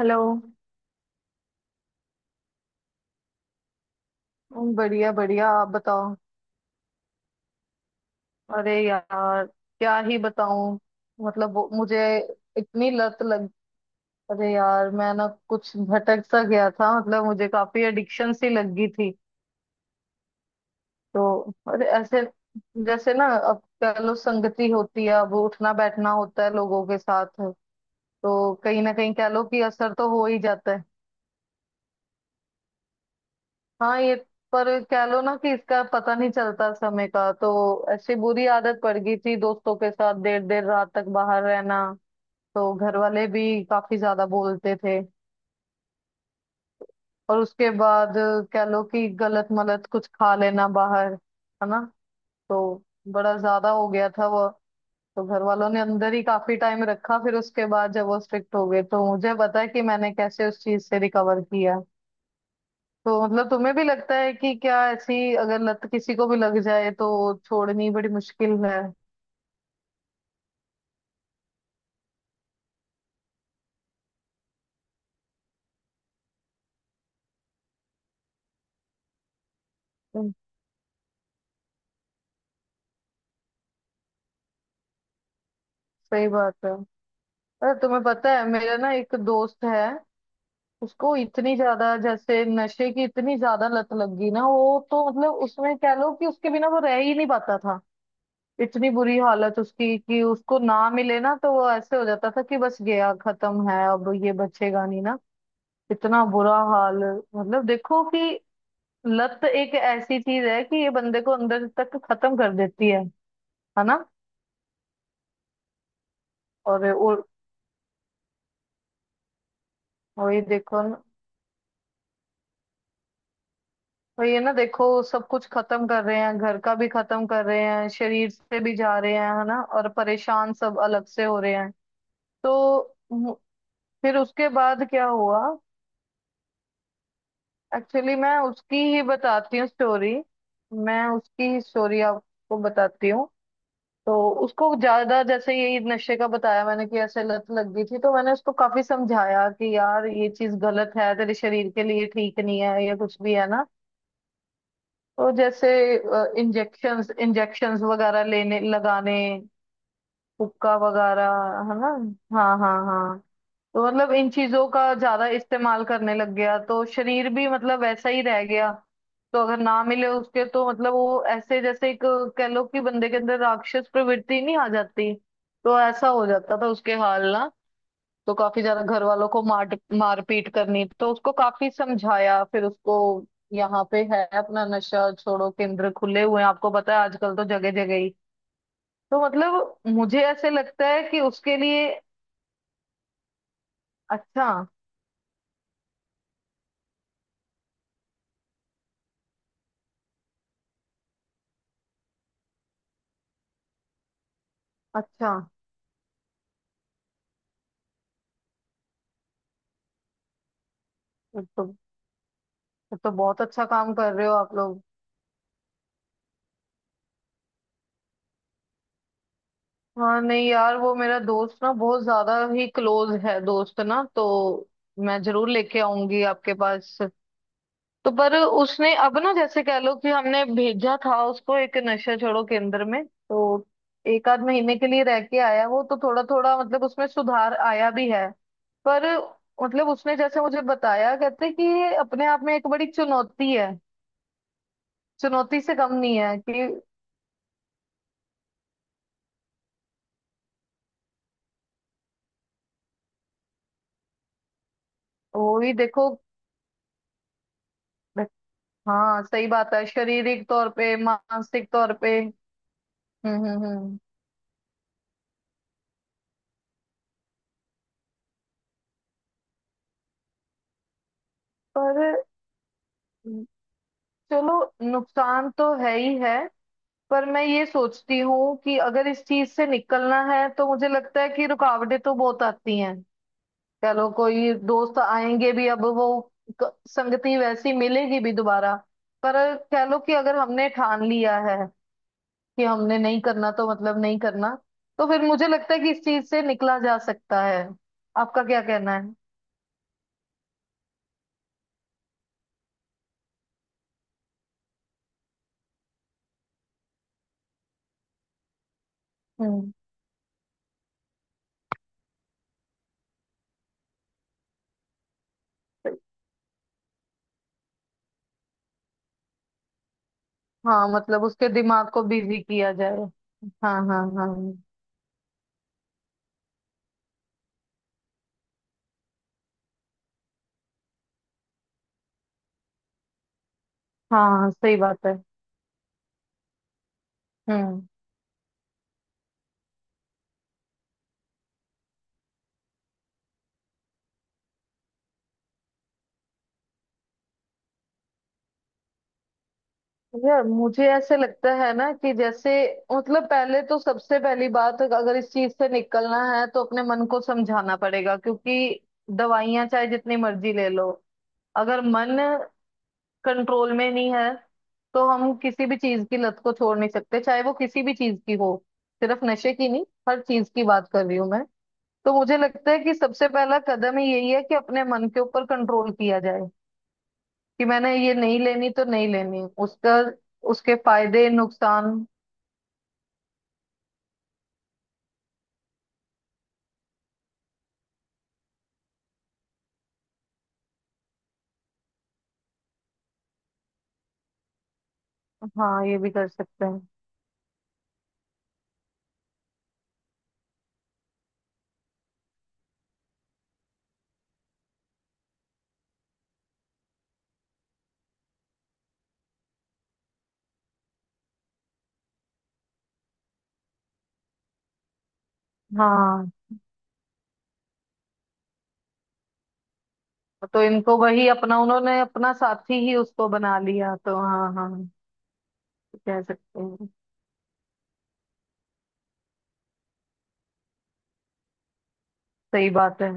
Hello. बढ़िया बढ़िया आप बताओ। अरे यार क्या ही बताऊं। मतलब, वो- मुझे इतनी लत लग अरे यार मैं ना कुछ भटक सा गया था। मतलब मुझे काफी एडिक्शन सी लग गई थी। तो अरे ऐसे, जैसे ना, अब कह लो संगति होती है, अब उठना बैठना होता है लोगों के साथ। तो कहीं ना कहीं कह लो कि असर तो हो ही जाता है। हाँ, ये। पर कह लो ना कि इसका पता नहीं चलता समय का। तो ऐसी बुरी आदत पड़ गई थी, दोस्तों के साथ देर देर रात तक बाहर रहना। तो घर वाले भी काफी ज्यादा बोलते थे। और उसके बाद कह लो कि गलत मलत कुछ खा लेना बाहर, है ना। तो बड़ा ज्यादा हो गया था वो। तो घर वालों ने अंदर ही काफी टाइम रखा। फिर उसके बाद जब वो स्ट्रिक्ट हो गए तो मुझे पता है कि मैंने कैसे उस चीज से रिकवर किया। तो मतलब तुम्हें भी लगता है कि क्या, ऐसी अगर लत किसी को भी लग जाए तो छोड़नी बड़ी मुश्किल है? हम्म, सही बात है। अरे तुम्हें पता है, मेरा ना एक दोस्त है। उसको इतनी ज्यादा, जैसे नशे की इतनी ज्यादा लत लग गई ना, वो तो मतलब उसमें कह लो कि उसके बिना वो रह ही नहीं पाता था। इतनी बुरी हालत उसकी कि उसको ना मिले ना तो वो ऐसे हो जाता था कि बस, गया, खत्म है, अब ये बचेगा नहीं ना। इतना बुरा हाल। मतलब देखो कि लत एक ऐसी चीज है कि ये बंदे को अंदर तक खत्म कर देती है ना? और वही देखो न- वही है ना, देखो, सब कुछ खत्म कर रहे हैं, घर का भी खत्म कर रहे हैं, शरीर से भी जा रहे हैं, है ना, और परेशान सब अलग से हो रहे हैं। तो मु- फिर उसके बाद क्या हुआ? एक्चुअली मैं उसकी ही बताती हूँ स्टोरी। मैं उसकी ही स्टोरी आपको बताती हूँ। तो उसको ज्यादा, जैसे यही नशे का बताया मैंने कि ऐसे लत लग गई थी। तो मैंने उसको काफी समझाया कि यार ये चीज गलत है, तेरे शरीर के लिए ठीक नहीं है या कुछ भी, है ना। तो जैसे इंजेक्शंस इंजेक्शंस वगैरह लेने लगाने, हुक्का वगैरह, है ना। हाँ, हाँ, हाँ। तो मतलब इन चीजों का ज्यादा इस्तेमाल करने लग गया तो शरीर भी मतलब वैसा ही रह गया। तो अगर ना मिले उसके तो मतलब वो ऐसे जैसे एक, कह लो कि बंदे के अंदर राक्षस प्रवृत्ति नहीं आ जाती। तो ऐसा हो जाता था उसके हाल ना। तो काफी ज्यादा घर वालों को मार मारपीट करनी, तो उसको काफी समझाया। फिर उसको, यहाँ पे है अपना नशा छोड़ो केंद्र खुले हुए हैं, आपको पता है आजकल तो जगह जगह ही। तो मतलब मुझे ऐसे लगता है कि उसके लिए। अच्छा। अच्छा। तो ये तो बहुत अच्छा काम कर रहे हो आप लोग। हाँ नहीं यार, वो मेरा दोस्त ना बहुत ज्यादा ही क्लोज है दोस्त ना। तो मैं जरूर लेके आऊंगी आपके पास। तो पर उसने अब ना जैसे कह लो कि हमने भेजा था उसको एक नशा छोड़ो केंद्र में। तो एक आध महीने के लिए रह के आया वो, तो थोड़ा थोड़ा मतलब उसमें सुधार आया भी है। पर मतलब उसने जैसे मुझे बताया कहते कि ये अपने आप में एक बड़ी चुनौती है। चुनौती से कम नहीं है कि। वो भी देखो। हाँ, सही बात है, शारीरिक तौर पे मानसिक तौर पे। हम्म, हम्म, हम्म। पर। चलो, नुकसान तो है ही है। पर मैं ये सोचती हूँ कि अगर इस चीज से निकलना है तो मुझे लगता है कि रुकावटें तो बहुत आती हैं। कह लो कोई दोस्त आएंगे भी, अब वो संगति वैसी मिलेगी भी दोबारा। पर कह लो कि अगर हमने ठान लिया है कि हमने नहीं करना तो मतलब नहीं करना। तो फिर मुझे लगता है कि इस चीज से निकला जा सकता है। आपका क्या कहना है? हम्म। हाँ मतलब उसके दिमाग को बिजी किया जाए। हाँ, हाँ, हाँ। हाँ, सही बात है। हम्म। यार मुझे ऐसे लगता है ना कि जैसे, मतलब पहले तो सबसे पहली बात, अगर इस चीज से निकलना है तो अपने मन को समझाना पड़ेगा, क्योंकि दवाइयां चाहे जितनी मर्जी ले लो, अगर मन कंट्रोल में नहीं है तो हम किसी भी चीज की लत को छोड़ नहीं सकते, चाहे वो किसी भी चीज की हो। सिर्फ नशे की नहीं, हर चीज की बात कर रही हूँ मैं। तो मुझे लगता है कि सबसे पहला कदम ही यही है कि अपने मन के ऊपर कंट्रोल किया जाए। कि मैंने ये नहीं लेनी तो नहीं लेनी, उसका उसके फायदे नुकसान। हाँ, ये भी कर सकते हैं। हाँ। तो इनको वही अपना, उन्होंने अपना साथी ही उसको बना लिया, तो हाँ हाँ कह सकते हैं। सही बात है।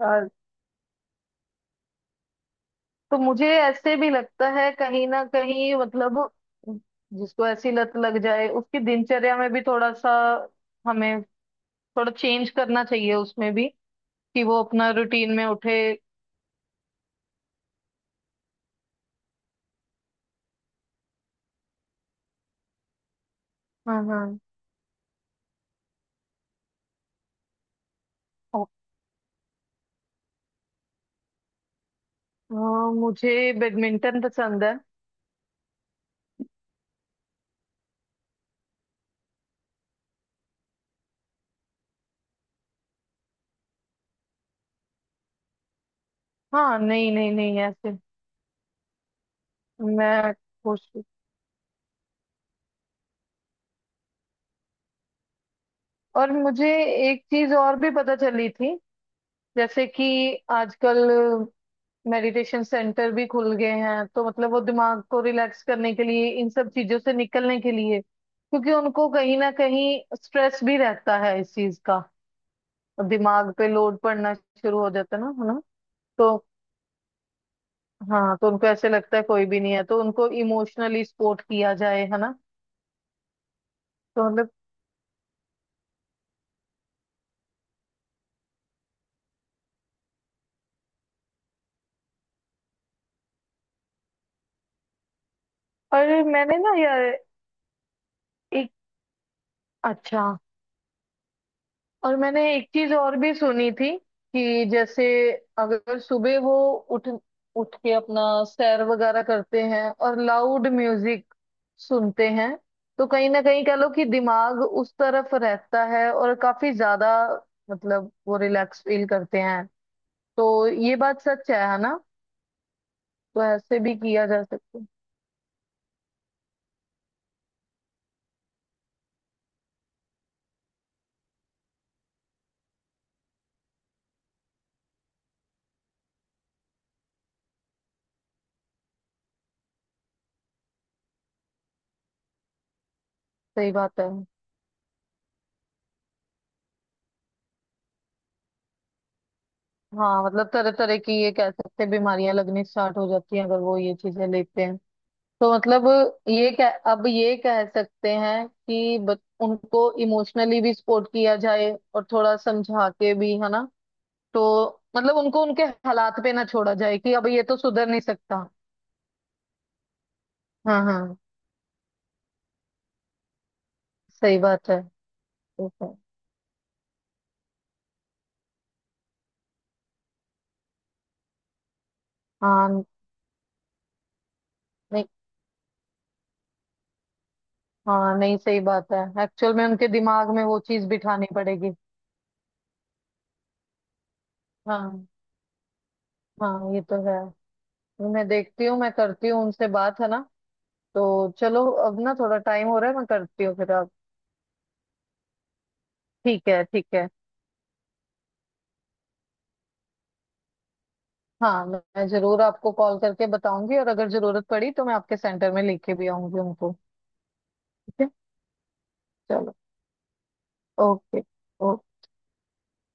और। तो मुझे ऐसे भी लगता है कहीं ना कहीं, मतलब जिसको ऐसी लत लग जाए उसकी दिनचर्या में भी थोड़ा सा, हमें थोड़ा चेंज करना चाहिए उसमें भी। कि वो अपना रूटीन में उठे। हाँ, हाँ। ओ, हाँ, मुझे बैडमिंटन पसंद है। हाँ नहीं नहीं नहीं, ऐसे। मैं खुश हूँ। और मुझे एक चीज और भी पता चली थी। जैसे कि आजकल मेडिटेशन सेंटर भी खुल गए हैं, तो मतलब वो दिमाग को रिलैक्स करने के लिए, इन सब चीजों से निकलने के लिए। क्योंकि उनको कहीं ना कहीं स्ट्रेस भी रहता है इस चीज का, और दिमाग पे लोड पड़ना शुरू हो जाता है ना, है ना। तो हाँ, तो उनको ऐसे लगता है कोई भी नहीं है, तो उनको इमोशनली सपोर्ट किया जाए, है ना। तो मतलब। पर मैंने ना यार एक। अच्छा। और मैंने एक चीज और भी सुनी थी। कि जैसे अगर सुबह वो उठ उठ के अपना सैर वगैरह करते हैं और लाउड म्यूजिक सुनते हैं, तो कहीं ना कहीं कह लो कि दिमाग उस तरफ रहता है और काफी ज्यादा मतलब वो रिलैक्स फील करते हैं। तो ये बात सच है ना? तो ऐसे भी किया जा सकता है। सही बात है। हाँ मतलब तरह तरह की, ये कह सकते हैं, बीमारियां लगनी स्टार्ट हो जाती हैं अगर वो ये चीजें लेते हैं। तो मतलब ये कह सकते हैं कि, उनको इमोशनली भी सपोर्ट किया जाए और थोड़ा समझा के भी, है ना। तो मतलब उनको उनके हालात पे ना छोड़ा जाए कि अब ये तो सुधर नहीं सकता। हाँ, हाँ, सही बात है। ठीक है। हाँ, नहीं। हाँ, नहीं, सही बात है। एक्चुअल में उनके दिमाग में वो चीज बिठानी पड़ेगी। हाँ, हाँ, ये तो है। मैं देखती हूँ, मैं करती हूँ उनसे बात, है ना। तो चलो, अब ना थोड़ा टाइम हो रहा है, मैं करती हूँ, फिर आप। ठीक है, ठीक है। हाँ, मैं जरूर आपको कॉल करके बताऊंगी, और अगर जरूरत पड़ी तो मैं आपके सेंटर में लेके भी आऊंगी उनको। ठीक है। चलो। ओके। ओके।